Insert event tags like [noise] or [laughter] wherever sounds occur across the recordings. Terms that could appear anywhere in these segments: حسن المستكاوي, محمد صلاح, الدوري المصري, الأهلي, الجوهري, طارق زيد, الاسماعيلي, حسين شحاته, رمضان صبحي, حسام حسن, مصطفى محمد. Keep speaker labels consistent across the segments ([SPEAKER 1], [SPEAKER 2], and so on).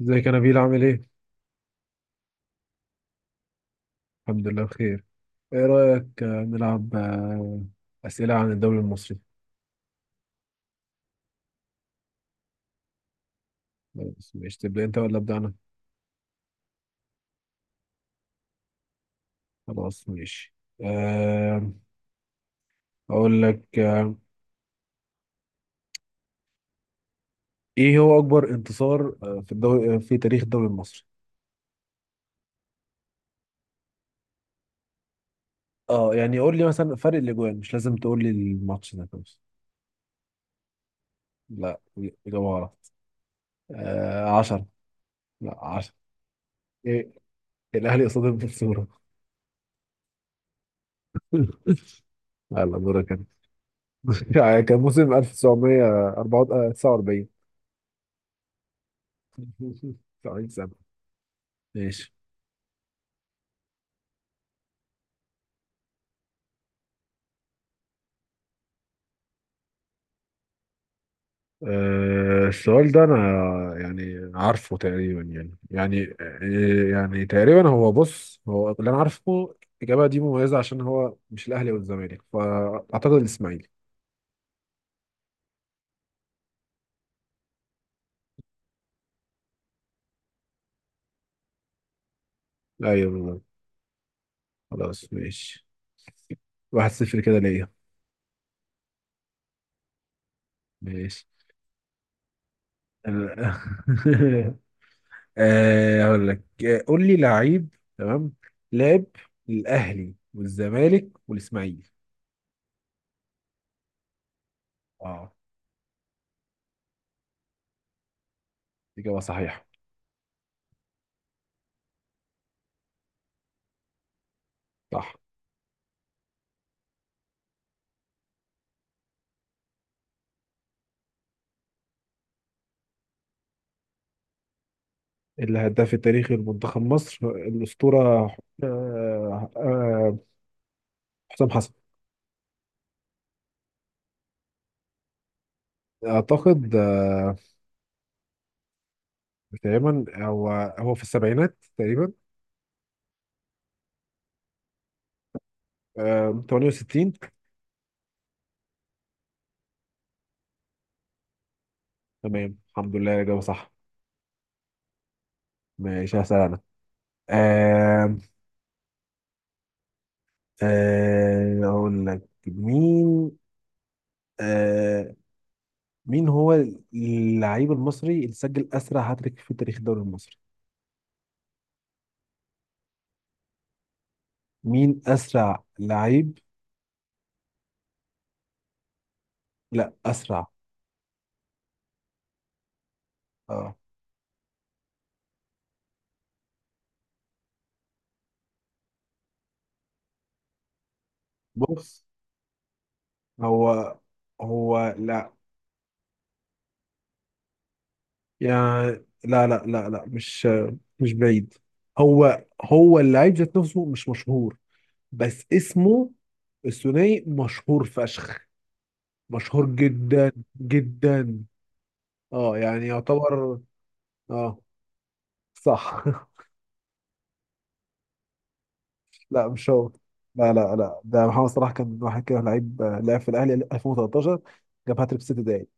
[SPEAKER 1] ازيك يا نبيل عامل ايه؟ الحمد لله بخير. ايه رأيك، نلعب أسئلة عن الدوري المصري؟ بس ماشي، تبدأ انت ولا أبدأ أنا؟ خلاص ماشي. آه، أقول لك، ايه هو أكبر انتصار في الدوري، في تاريخ الدوري المصري؟ اه يعني قول لي مثلا فرق الأجوان، مش لازم تقول لي الماتش ده بس. لا، إجابة غلط. عشرة. لا، عشرة. ايه؟ الأهلي قصاد المنصورة. [laughs] يلا دورك انت. [laughs] كان موسم 1949. [laughs] سعيد سبع. ماشي. السؤال ده انا يعني عارفه تقريبا، يعني تقريبا هو، بص هو اللي انا عارفه، الاجابه دي مميزه عشان هو مش الاهلي والزمالك، فاعتقد الاسماعيلي. ايوه بالظبط. خلاص ماشي، واحد صفر كده ليا. ماشي آه، [laughs] هقول لك، قول لي لعيب تمام لعب للاهلي والزمالك والاسماعيلي. اه. اجابه صحيحه. صح. الهداف التاريخي لمنتخب مصر الأسطورة آه، آه، حسام حسن. أعتقد تقريبا هو في السبعينات تقريبا. 68. تمام، الحمد لله الإجابة صح. ماشي، هسأل أنا. آه، أقول لك مين. آه، مين هو اللعيب المصري اللي سجل أسرع هاتريك في تاريخ الدوري المصري؟ مين أسرع لعيب؟ لا، أسرع. اه بص، هو هو لا يعني، لا لا لا لا، مش بعيد. هو هو اللعيب ذات نفسه مش مشهور، بس اسمه الثنائي مشهور فشخ، مشهور جدا جدا. اه يعني يعتبر. اه. صح. [laughs] لا مش هو. لا لا لا، ده محمد صلاح كان واحد كده لعيب لعب في الاهلي 2013، جاب هاتريك في ست دقايق.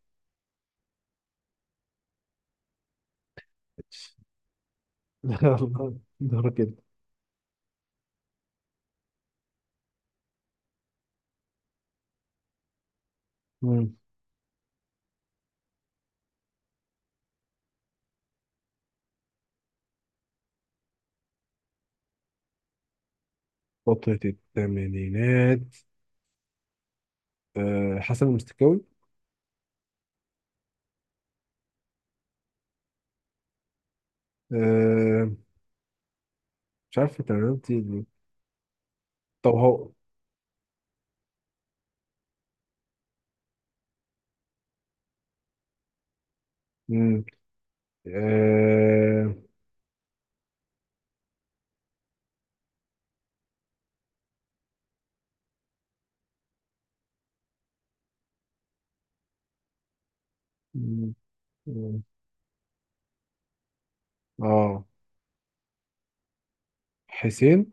[SPEAKER 1] [laughs] يلا دورك كده. مم. فترة الثمانينات، حسن المستكاوي. آه، مش عارف تمرينتي دي. طب هو مم، آه، مم، مم، آه، حسين.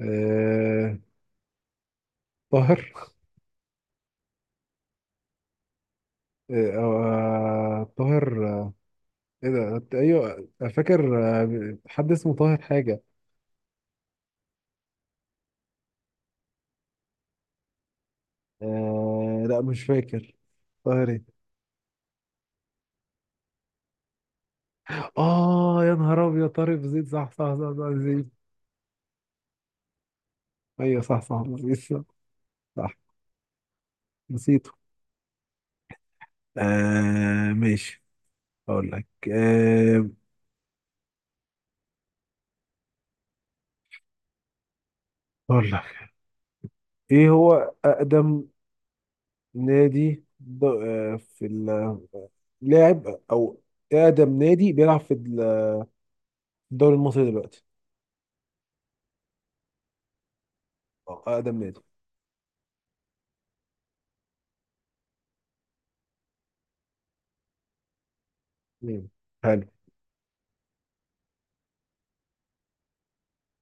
[SPEAKER 1] آه، طاهر. طاهر. ايه ده، ايوه فاكر حد اسمه طاهر حاجة. لا مش فاكر، طاهر ايه؟ اه يا نهار ابيض، طارق زيد، صح صح صح صح، زيد. ايوه صح صح، زيد، صح. صح. نسيته. ماشي، اقول لك. آه أقول لك، إيه هو أقدم نادي لاعب، أو أقدم نادي بيلعب في الدوري المصري دلوقتي، أو أقدم نادي. مم. حلو.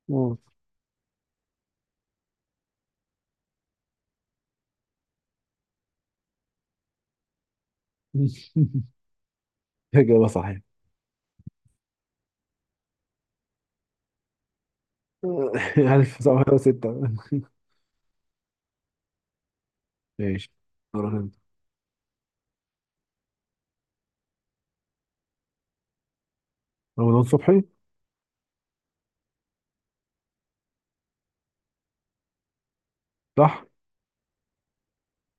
[SPEAKER 1] مم. [laughs] إجابة صحيحة. [laughs] 1906. ماشي دورك أنت. رمضان صبحي، صح؟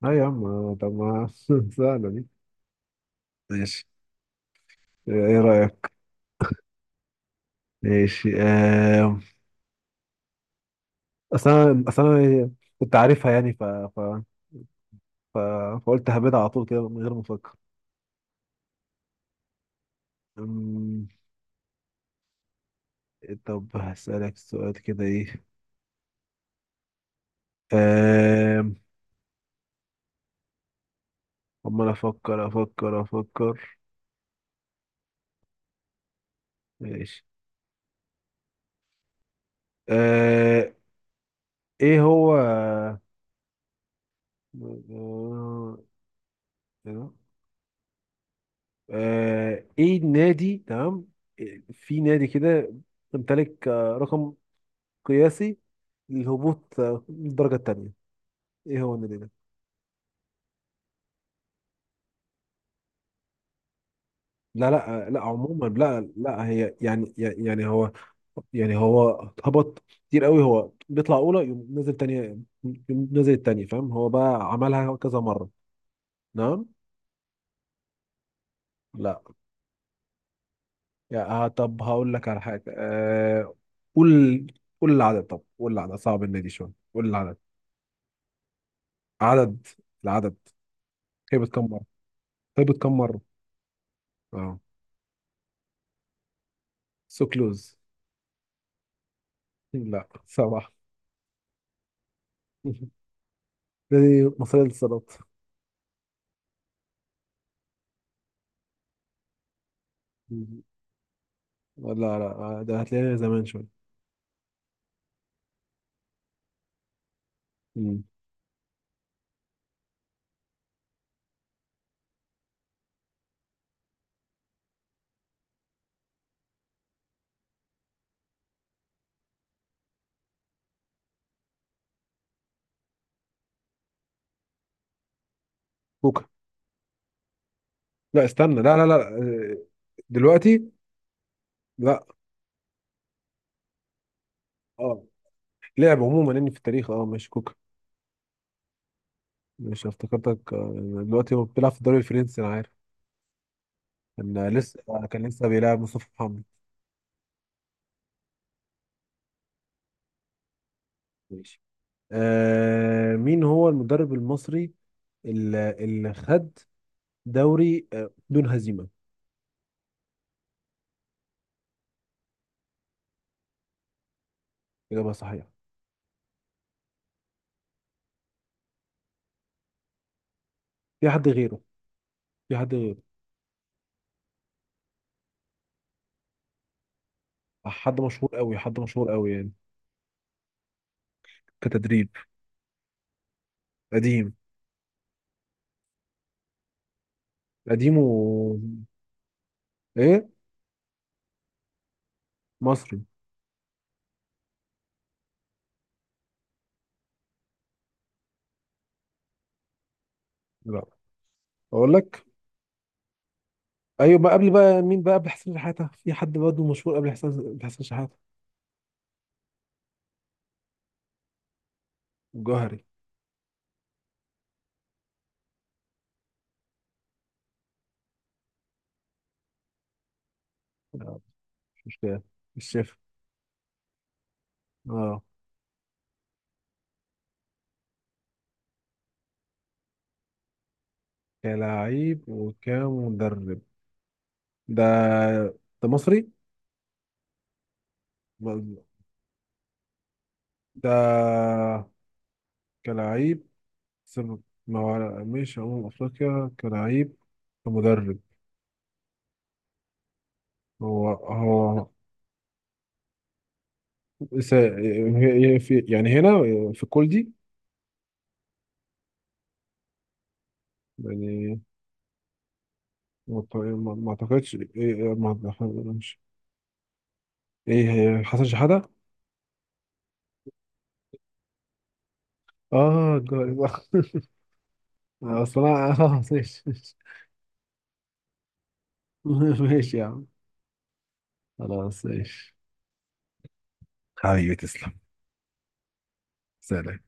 [SPEAKER 1] لا يا عم، طب ما [laughs] سهلة دي. ماشي، إيه رأيك؟ ماشي. أصل أنا كنت عارفها، يعني ف- فقلت هبدأ على طول كده من غير ما افكر. أمم، طب هسألك سؤال كده، ايه. أم، عمال افكر افكر افكر. ماشي. أه، ايه هو أه... ايه النادي؟ تمام، في نادي كده امتلك رقم قياسي للهبوط، للدرجة التانية. ايه هو النادي ده؟ لا لا، لا عموما، لا لا، هي يعني، يعني هو هبط كتير قوي، هو بيطلع اولى يقوم نازل تانية، يقوم نازل التانية، فاهم؟ هو بقى عملها كذا مرة. نعم. لا، يا طب هقول لك على حاجة. قول، قول العدد، طب قول العدد، صعب النادي شوية، قول العدد. عدد العدد هبط كم مرة، هبط كم مرة. اه سوكلوز. لا، سبعة. [laughs] نادي مصرية للصالات. [laughs] لا لا، ده هتلاقيها زمان شوية. مم. كوكا، لا استنى، لا لا لا، دلوقتي. لا. اه، لعب عموما اني في التاريخ، اه ماشي كوكا. مش افتكرتك. دلوقتي هو بيلعب في الدوري الفرنسي، انا عارف. كان آه، لسه آه، كان لسه بيلعب مصطفى محمد. ماشي. مين هو المدرب المصري اللي خد دوري بدون هزيمة؟ إجابة صحيحة. في حد غيره؟ في حد غيره؟ حد مشهور قوي، حد مشهور قوي يعني، كتدريب قديم، قديم و ايه. مصري. لا، اقول لك، ايوه بقى، قبل بقى مين بقى قبل حسين شحاته؟ في حد برضه مشهور قبل حسين، قبل حسين شحاته. الجوهري. آه، مش مشكله، الشيف. اه كلاعب وكمدرب، ده ده مصري ده، كلاعب سب... ما هو مش أمم أفريقيا كلاعب، كمدرب. هو هو يعني هنا في الكل دي، يعني ما أعتقدش، إيه إيه، ما- مش، إيه هي، حسن شحاتة. اه الجاري بقى. [laughs] اصل انا، اه ماشي. [laughs] ماشي يا عم، خلاص ماشي. حبيبي تسلم. سلام.